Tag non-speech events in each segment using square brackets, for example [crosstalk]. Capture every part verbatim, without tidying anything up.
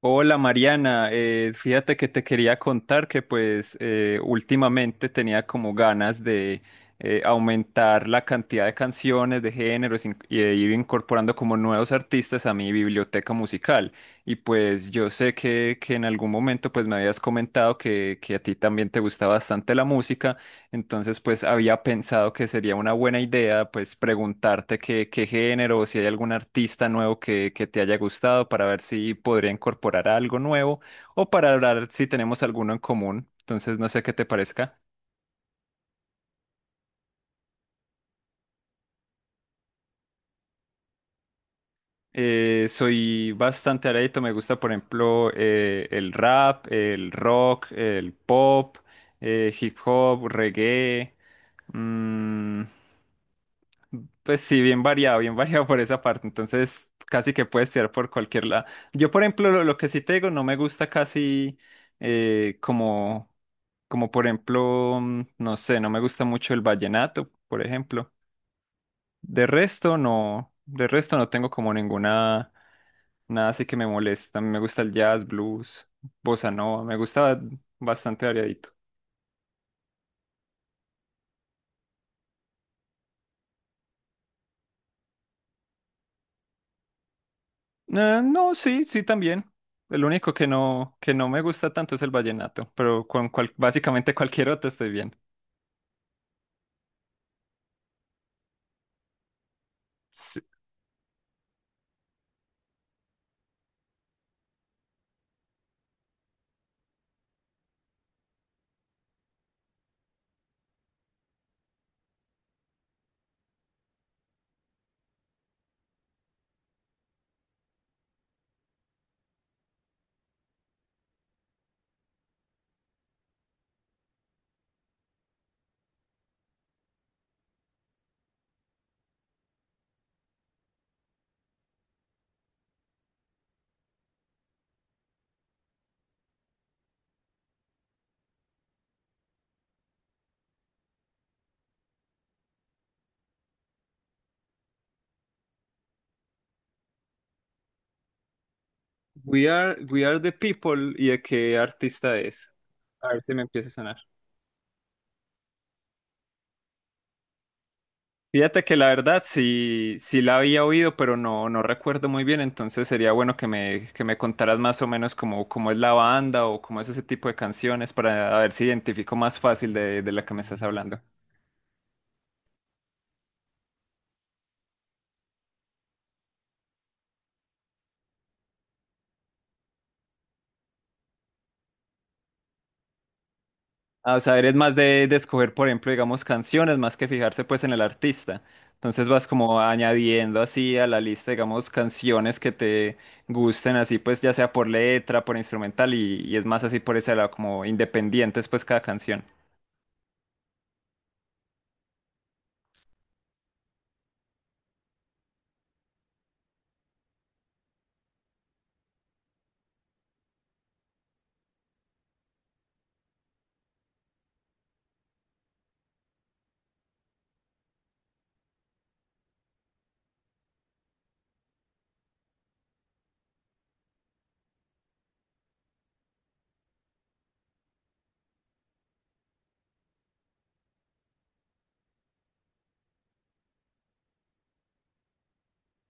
Hola Mariana, eh, fíjate que te quería contar que pues eh, últimamente tenía como ganas de eh, aumentar la cantidad de canciones, de géneros in- y de ir incorporando como nuevos artistas a mi biblioteca musical. Y pues yo sé que, que en algún momento pues me habías comentado que, que a ti también te gusta bastante la música. Entonces, pues había pensado que sería una buena idea, pues preguntarte qué, qué género o si hay algún artista nuevo que, que te haya gustado para ver si podría incorporar algo nuevo o para hablar si tenemos alguno en común. Entonces, no sé qué te parezca. Eh, soy bastante arédito, me gusta, por ejemplo, eh, el rap, el rock, el pop, eh, hip hop, reggae. Mm, Pues sí, bien variado, bien [laughs] variado por esa parte. Entonces, casi que puedes tirar por cualquier lado. Yo, por ejemplo, lo, lo que sí te digo, no me gusta casi eh, como, como por ejemplo, mm, no sé, no me gusta mucho el vallenato, por ejemplo. De resto, no, de resto no tengo como ninguna, nada así que me molesta. Me gusta el jazz, blues, bossa nova, me gusta bastante variadito. Eh, no, sí, sí también. El único que no, que no me gusta tanto es el vallenato, pero con cual- básicamente cualquier otro estoy bien. Sí. We are, we are the people y de qué artista es. A ver si me empieza a sonar. Fíjate que la verdad sí, sí la había oído, pero no, no recuerdo muy bien, entonces sería bueno que me, que me contaras más o menos cómo, cómo es la banda o cómo es ese tipo de canciones para a ver si identifico más fácil de, de la que me estás hablando. Ah, o sea, eres más de, de escoger, por ejemplo, digamos, canciones, más que fijarse pues en el artista. Entonces vas como añadiendo así a la lista, digamos, canciones que te gusten, así pues ya sea por letra, por instrumental y, y es más así por ese lado, como independientes pues cada canción.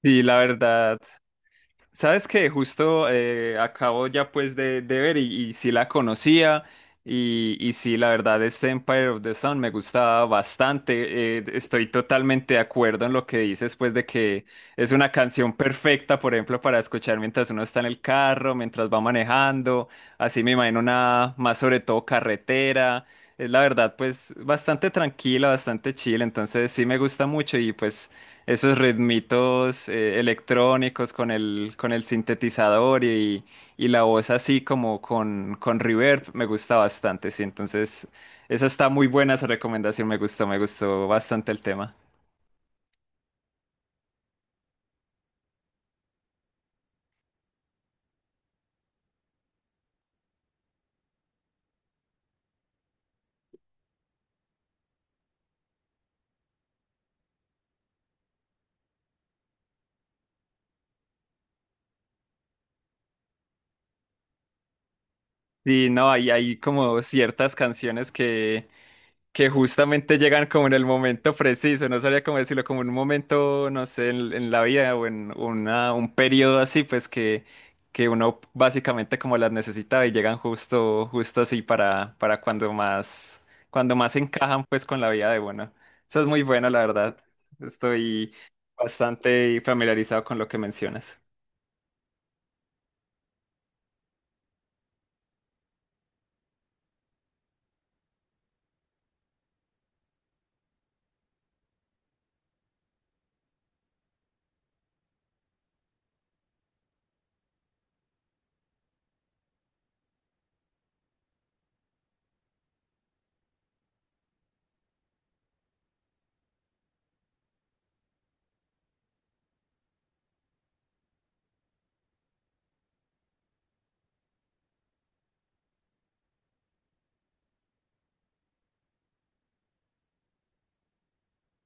Sí, la verdad. Sabes que justo eh, acabo ya pues de, de ver y, y sí la conocía y, y sí la verdad este Empire of the Sun me gustaba bastante. Eh, estoy totalmente de acuerdo en lo que dices pues de que es una canción perfecta por ejemplo para escuchar mientras uno está en el carro, mientras va manejando, así me imagino una más sobre todo carretera. Es la verdad pues bastante tranquila, bastante chill, entonces sí me gusta mucho y pues esos ritmitos eh, electrónicos con el, con el sintetizador y, y la voz así como con, con reverb me gusta bastante, sí. Entonces, esa está muy buena, esa recomendación me gustó, me gustó bastante el tema. Sí, no, hay, hay como ciertas canciones que, que justamente llegan como en el momento preciso, no sabría cómo decirlo, como en un momento, no sé, en, en la vida o en una, un periodo así, pues que, que uno básicamente como las necesita y llegan justo, justo así para, para cuando más, cuando más encajan pues con la vida de uno. Eso es muy bueno, la verdad. Estoy bastante familiarizado con lo que mencionas.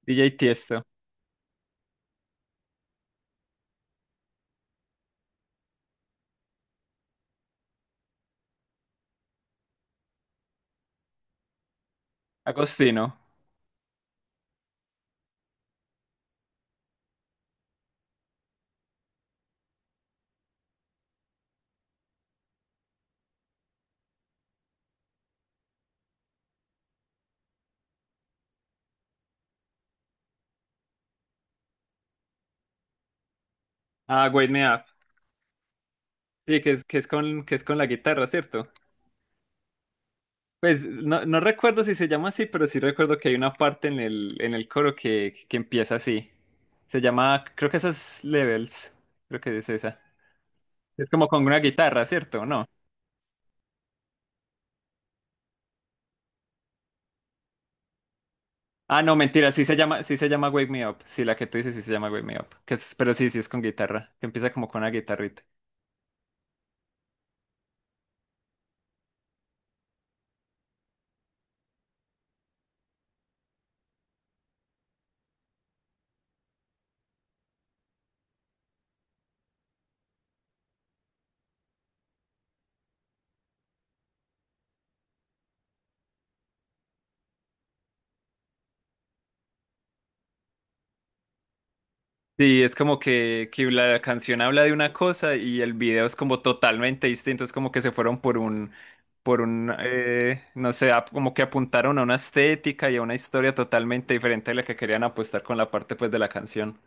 D J Tiesto, Agostino, ah, Wake Me Up, sí, que es, que es con, que es con la guitarra, ¿cierto? Pues no, no recuerdo si se llama así, pero sí recuerdo que hay una parte en el, en el coro que, que empieza así. Se llama, creo que esas Levels. Creo que es esa. Es como con una guitarra, ¿cierto? ¿No? Ah, no, mentira, sí se llama, sí se llama Wake Me Up. Sí, la que tú dices sí se llama Wake Me Up. Que es- pero sí, sí es con guitarra. Que empieza como con una guitarrita. Sí, es como que, que la canción habla de una cosa y el video es como totalmente distinto, es como que se fueron por un, por un, eh, no sé, ap- como que apuntaron a una estética y a una historia totalmente diferente de la que querían apostar con la parte pues de la canción.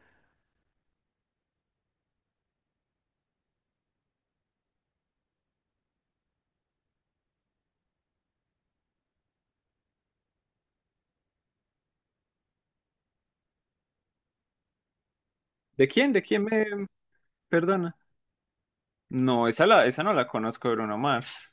¿De quién? ¿De quién me... Perdona. No, esa, la, esa no la conozco, Bruno Mars.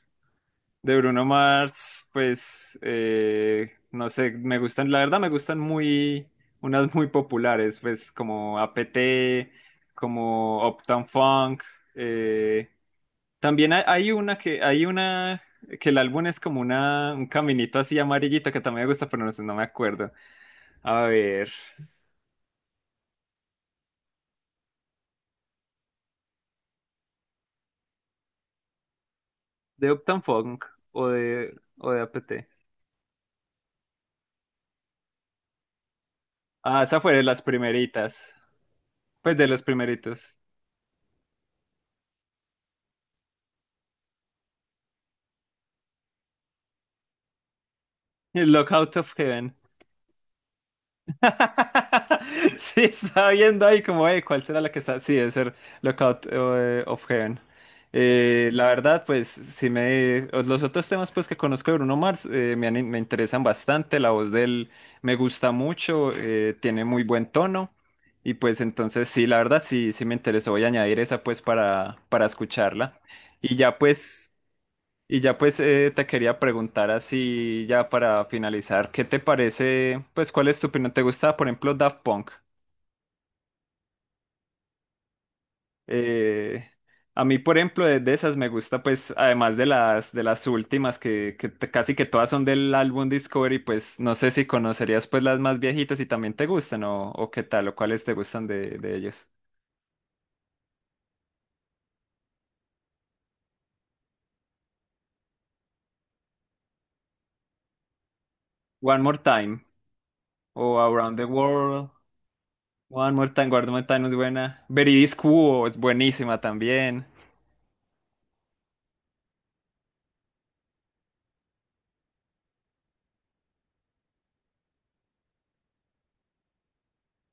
De Bruno Mars, pues eh, no sé, me gustan, la verdad me gustan muy, unas muy populares, pues como A P T, como Uptown Funk. eh, También hay, hay una que, hay una, que el álbum es como una, un caminito así amarillito que también me gusta, pero no sé, no me acuerdo. A ver, de Uptown Funk o de, o de A P T. Ah, esa fue de las primeritas, pues de los primeritos. El Lockout of Heaven. [laughs] Sí, estaba viendo ahí como, eh, ¿cuál será la que está? Sí, debe ser Lookout eh, of Heaven. Eh, la verdad, pues, si me... pues, los otros temas, pues, que conozco de Bruno Mars eh, me, han- me interesan bastante. La voz de él me gusta mucho, eh, tiene muy buen tono. Y pues, entonces, sí, la verdad, sí, sí me interesó. Voy a añadir esa, pues, para, para escucharla. Y ya, pues... Y ya pues eh, te quería preguntar así ya para finalizar, ¿qué te parece? Pues ¿cuál es tu opinión? ¿Te gusta, por ejemplo, Daft Punk? Eh, a mí, por ejemplo, de, de esas me gusta pues además de las de las últimas que, que te- casi que todas son del álbum Discovery, pues no sé si conocerías pues las más viejitas y también te gustan o, o qué tal o cuáles te gustan de, de ellos. One More Time o Around the World. One More Time, One More Time es buena. Veridis Quo es buenísima también.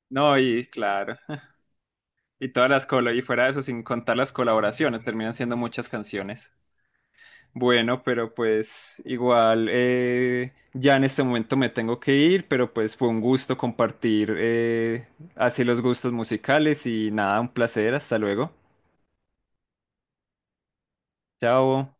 No, y claro. Y todas las colo y fuera de eso, sin contar las colaboraciones, terminan siendo muchas canciones. Bueno, pero pues igual eh, ya en este momento me tengo que ir, pero pues fue un gusto compartir eh, así los gustos musicales y nada, un placer, hasta luego. Chao.